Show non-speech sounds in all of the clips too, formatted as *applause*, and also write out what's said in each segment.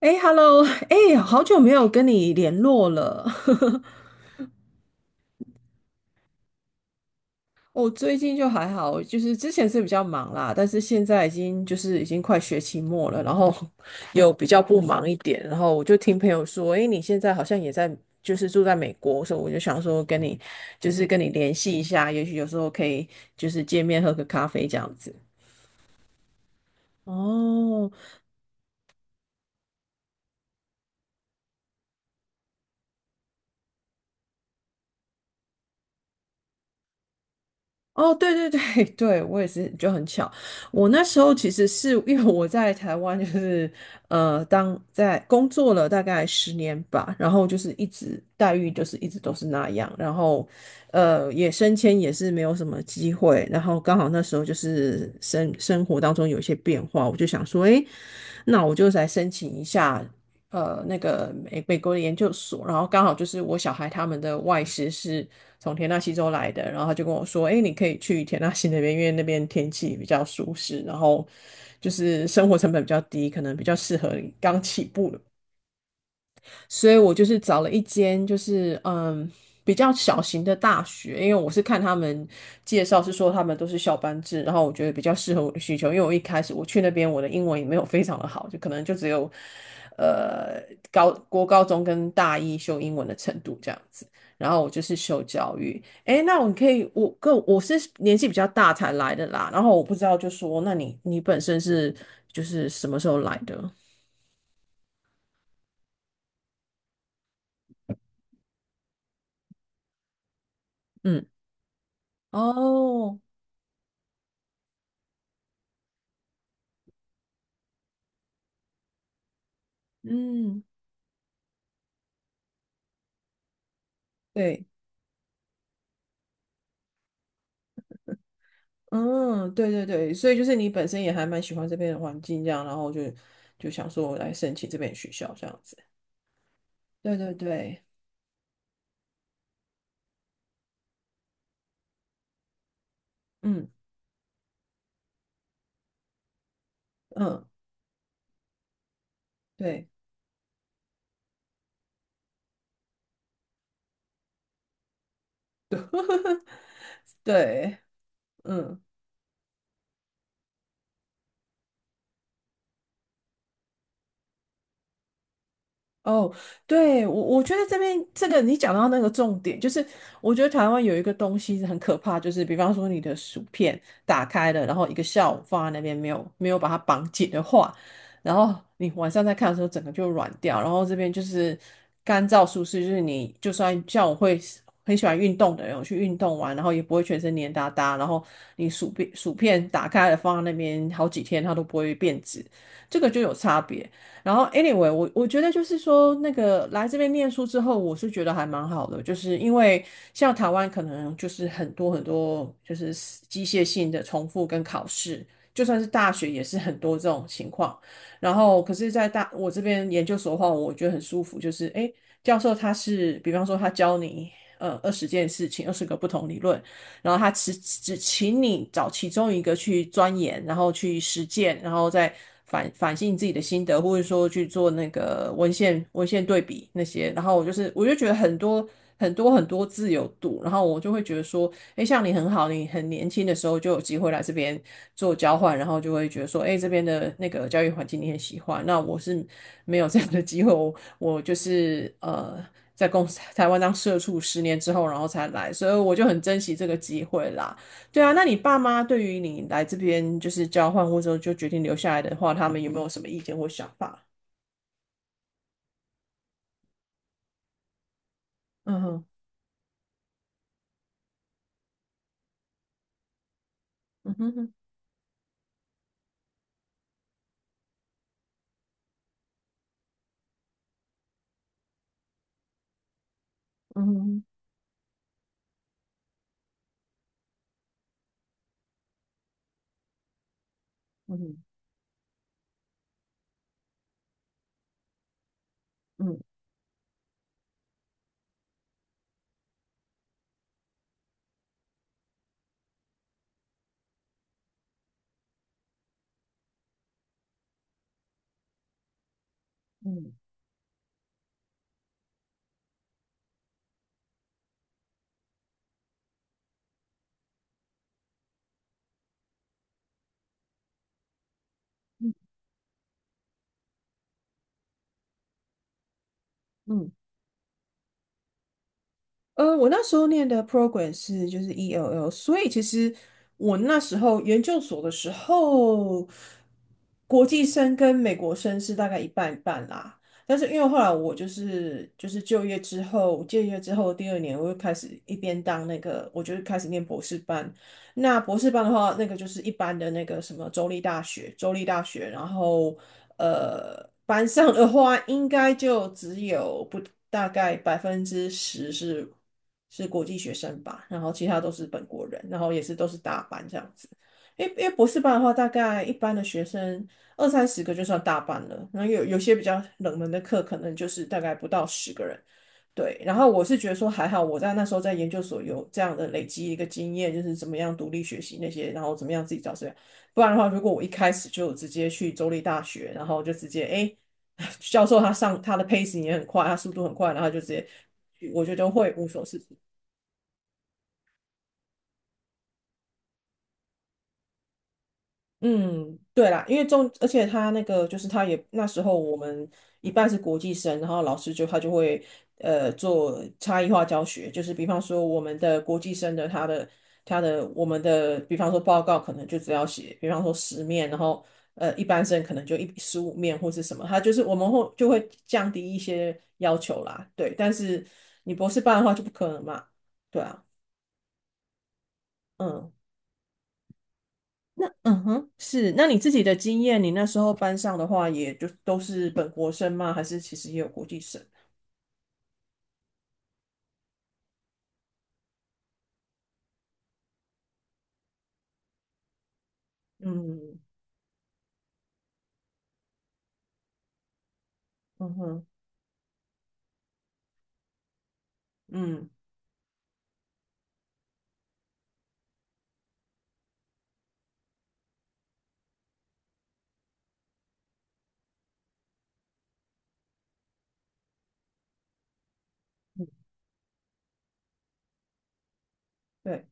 哎，Hello，哎，好久没有跟你联络了。*laughs* 我最近就还好，就是之前是比较忙啦，但是现在已经就是已经快学期末了，然后 *laughs* 有比较不忙一点。然后我就听朋友说，哎，你现在好像也在，就是住在美国，所以我就想说跟你就是跟你联系一下，也许有时候可以就是见面喝个咖啡这样子。哦，哦，对对对 *laughs* 对，我也是就很巧。我那时候其实是因为我在台湾，就是当在工作了大概十年吧，然后就是一直待遇就是一直都是那样，然后也升迁也是没有什么机会，然后刚好那时候就是生活当中有一些变化，我就想说，诶，那我就来申请一下那个美国的研究所，然后刚好就是我小孩他们的外师是从田纳西州来的，然后他就跟我说，哎，你可以去田纳西那边，因为那边天气比较舒适，然后就是生活成本比较低，可能比较适合刚起步的。所以我就是找了一间就是嗯比较小型的大学，因为我是看他们介绍是说他们都是校班制，然后我觉得比较适合我的需求，因为我一开始我去那边我的英文也没有非常的好，就可能就只有呃高高中跟大一修英文的程度这样子，然后我就是修教育，诶，那我可以我是年纪比较大才来的啦，然后我不知道就说那你本身是就是什么时候来的？嗯，哦，嗯。对，嗯，对对对，所以就是你本身也还蛮喜欢这边的环境，这样，然后就就想说我来申请这边的学校这样子。对对对，嗯嗯，对对，嗯。哦，对，我觉得这边这个你讲到那个重点，就是我觉得台湾有一个东西很可怕，就是比方说你的薯片打开了，然后一个下午放在那边没有把它绑紧的话，然后你晚上再看的时候整个就软掉，然后这边就是干燥舒适，就是你就算像我会很喜欢运动的人，我去运动完，然后也不会全身黏哒哒，然后你薯片打开了放在那边好几天它都不会变质，这个就有差别。然后，anyway，我觉得就是说，那个来这边念书之后，我是觉得还蛮好的，就是因为像台湾可能就是很多很多就是机械性的重复跟考试，就算是大学也是很多这种情况。然后，可是，在大我这边研究所的话，我觉得很舒服，就是诶，教授他是比方说他教你20件事情，20个不同理论，然后他只请你找其中一个去钻研，然后去实践，然后再反省自己的心得，或者说去做那个文献对比那些。然后我就是我就觉得很多很多很多自由度，然后我就会觉得说，哎，像你很好，你很年轻的时候就有机会来这边做交换，然后就会觉得说，哎，这边的那个教育环境你很喜欢。那我是没有这样的机会，我就是呃。在公司 *laughs* 台湾当社畜10年之后，然后才来，所以我就很珍惜这个机会啦。对啊，那你爸妈对于你来这边就是交换或者就决定留下来的话，他们有没有什么意见或想法？嗯哼，嗯哼哼，嗯哼嗯哼，嗯哼嗯嗯嗯。呃，我那时候念的 program 是就是 ELL，所以其实我那时候研究所的时候，国际生跟美国生是大概一半一半啦。但是因为后来我就是就业之后，就业之后第二年我就开始一边当那个，我就开始念博士班，那博士班的话，那个就是一般的那个什么州立大学，州立大学，然后呃，班上的话应该就只有不大概10%是是国际学生吧，然后其他都是本国人，然后也是都是大班这样子。因为因为博士班的话，大概一般的学生二三十个就算大班了，然后有些比较冷门的课，可能就是大概不到10个人。对，然后我是觉得说还好，我在那时候在研究所有这样的累积一个经验，就是怎么样独立学习那些，然后怎么样自己找资料。不然的话，如果我一开始就直接去州立大学，然后就直接哎，*laughs* 教授他上他的 pace 也很快，他速度很快，然后就直接我觉得就会无所事事。嗯，对啦，因为中，而且他那个就是他也那时候我们一半是国际生，然后老师就他就会呃做差异化教学，就是比方说我们的国际生的他的我们的比方说报告可能就只要写，比方说10面，然后呃一般生可能就15面或是什么，他就是我们会就会降低一些要求啦，对，但是你博士班的话就不可能嘛，对啊，嗯。那嗯哼，是，那你自己的经验，你那时候班上的话，也就都是本国生吗？还是其实也有国际生？嗯嗯哼，嗯，嗯，对。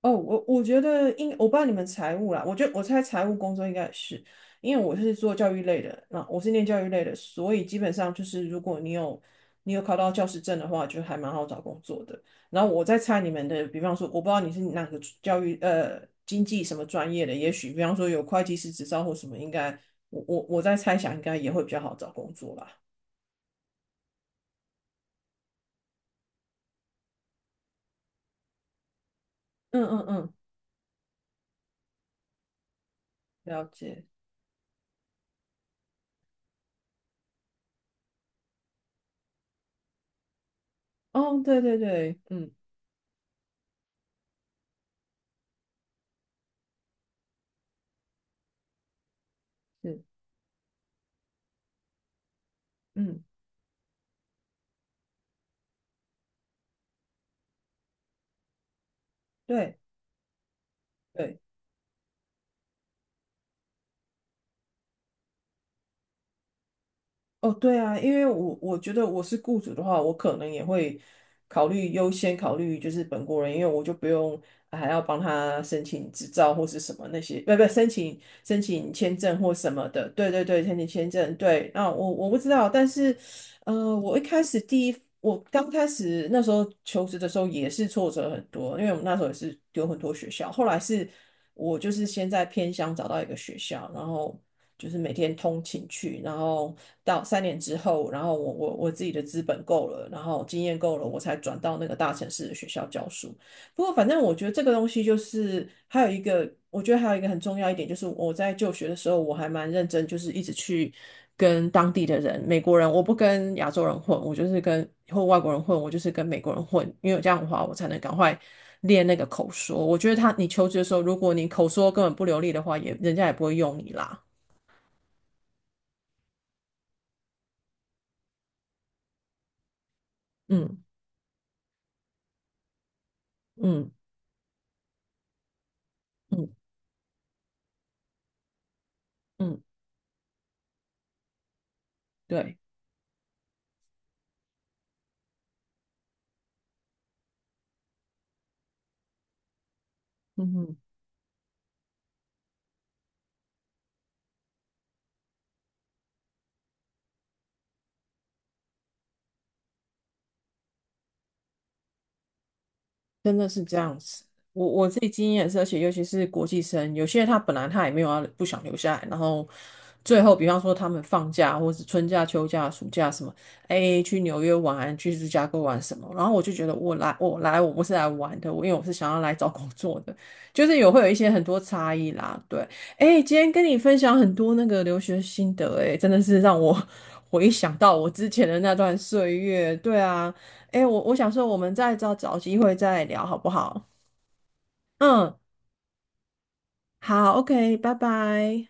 哦，我觉得我不知道你们财务啦，我觉得我猜财务工作应该也是，因为我是做教育类的，那我是念教育类的，所以基本上就是如果你有考到教师证的话，就还蛮好找工作的。然后我在猜你们的，比方说我不知道你是哪个教育呃经济什么专业的，也许比方说有会计师执照或什么，应该我在猜想应该也会比较好找工作啦。嗯嗯嗯，了解。哦，对对对，嗯是嗯对。对哦，对啊，因为我觉得我是雇主的话，我可能也会优先考虑就是本国人，因为我就不用啊还要帮他申请执照或是什么那些，不申请签证或什么的。对对对，申请签证，对。那我我不知道，但是呃，我一开始第一，我刚开始那时候求职的时候也是挫折很多，因为我们那时候也是丢很多学校。后来是我就是先在偏乡找到一个学校，然后就是每天通勤去，然后到3年之后，然后我自己的资本够了，然后经验够了，我才转到那个大城市的学校教书。不过，反正我觉得这个东西就是还有一个，我觉得还有一个很重要一点，就是我在就学的时候，我还蛮认真，就是一直去跟当地的人，美国人，我不跟亚洲人混，我就是跟或外国人混，我就是跟美国人混，因为这样的话，我才能赶快练那个口说。我觉得他，你求职的时候，如果你口说根本不流利的话，也人家也不会用你啦。嗯嗯嗯嗯，对。嗯哼。真的是这样子。我自己经验也是，而且尤其是国际生，有些他本来他也没有要不想留下来，然后最后比方说他们放假或者是春假、秋假、暑假什么，哎，去纽约玩，去芝加哥玩什么，然后我就觉得我不是来玩的，我因为我是想要来找工作的，就是有会有一些很多差异啦。对，哎，今天跟你分享很多那个留学心得，哎，真的是让我 *laughs* 回想到我之前的那段岁月。对啊。哎，我想说，我们再找找机会再聊好不好？嗯，好，OK，拜拜。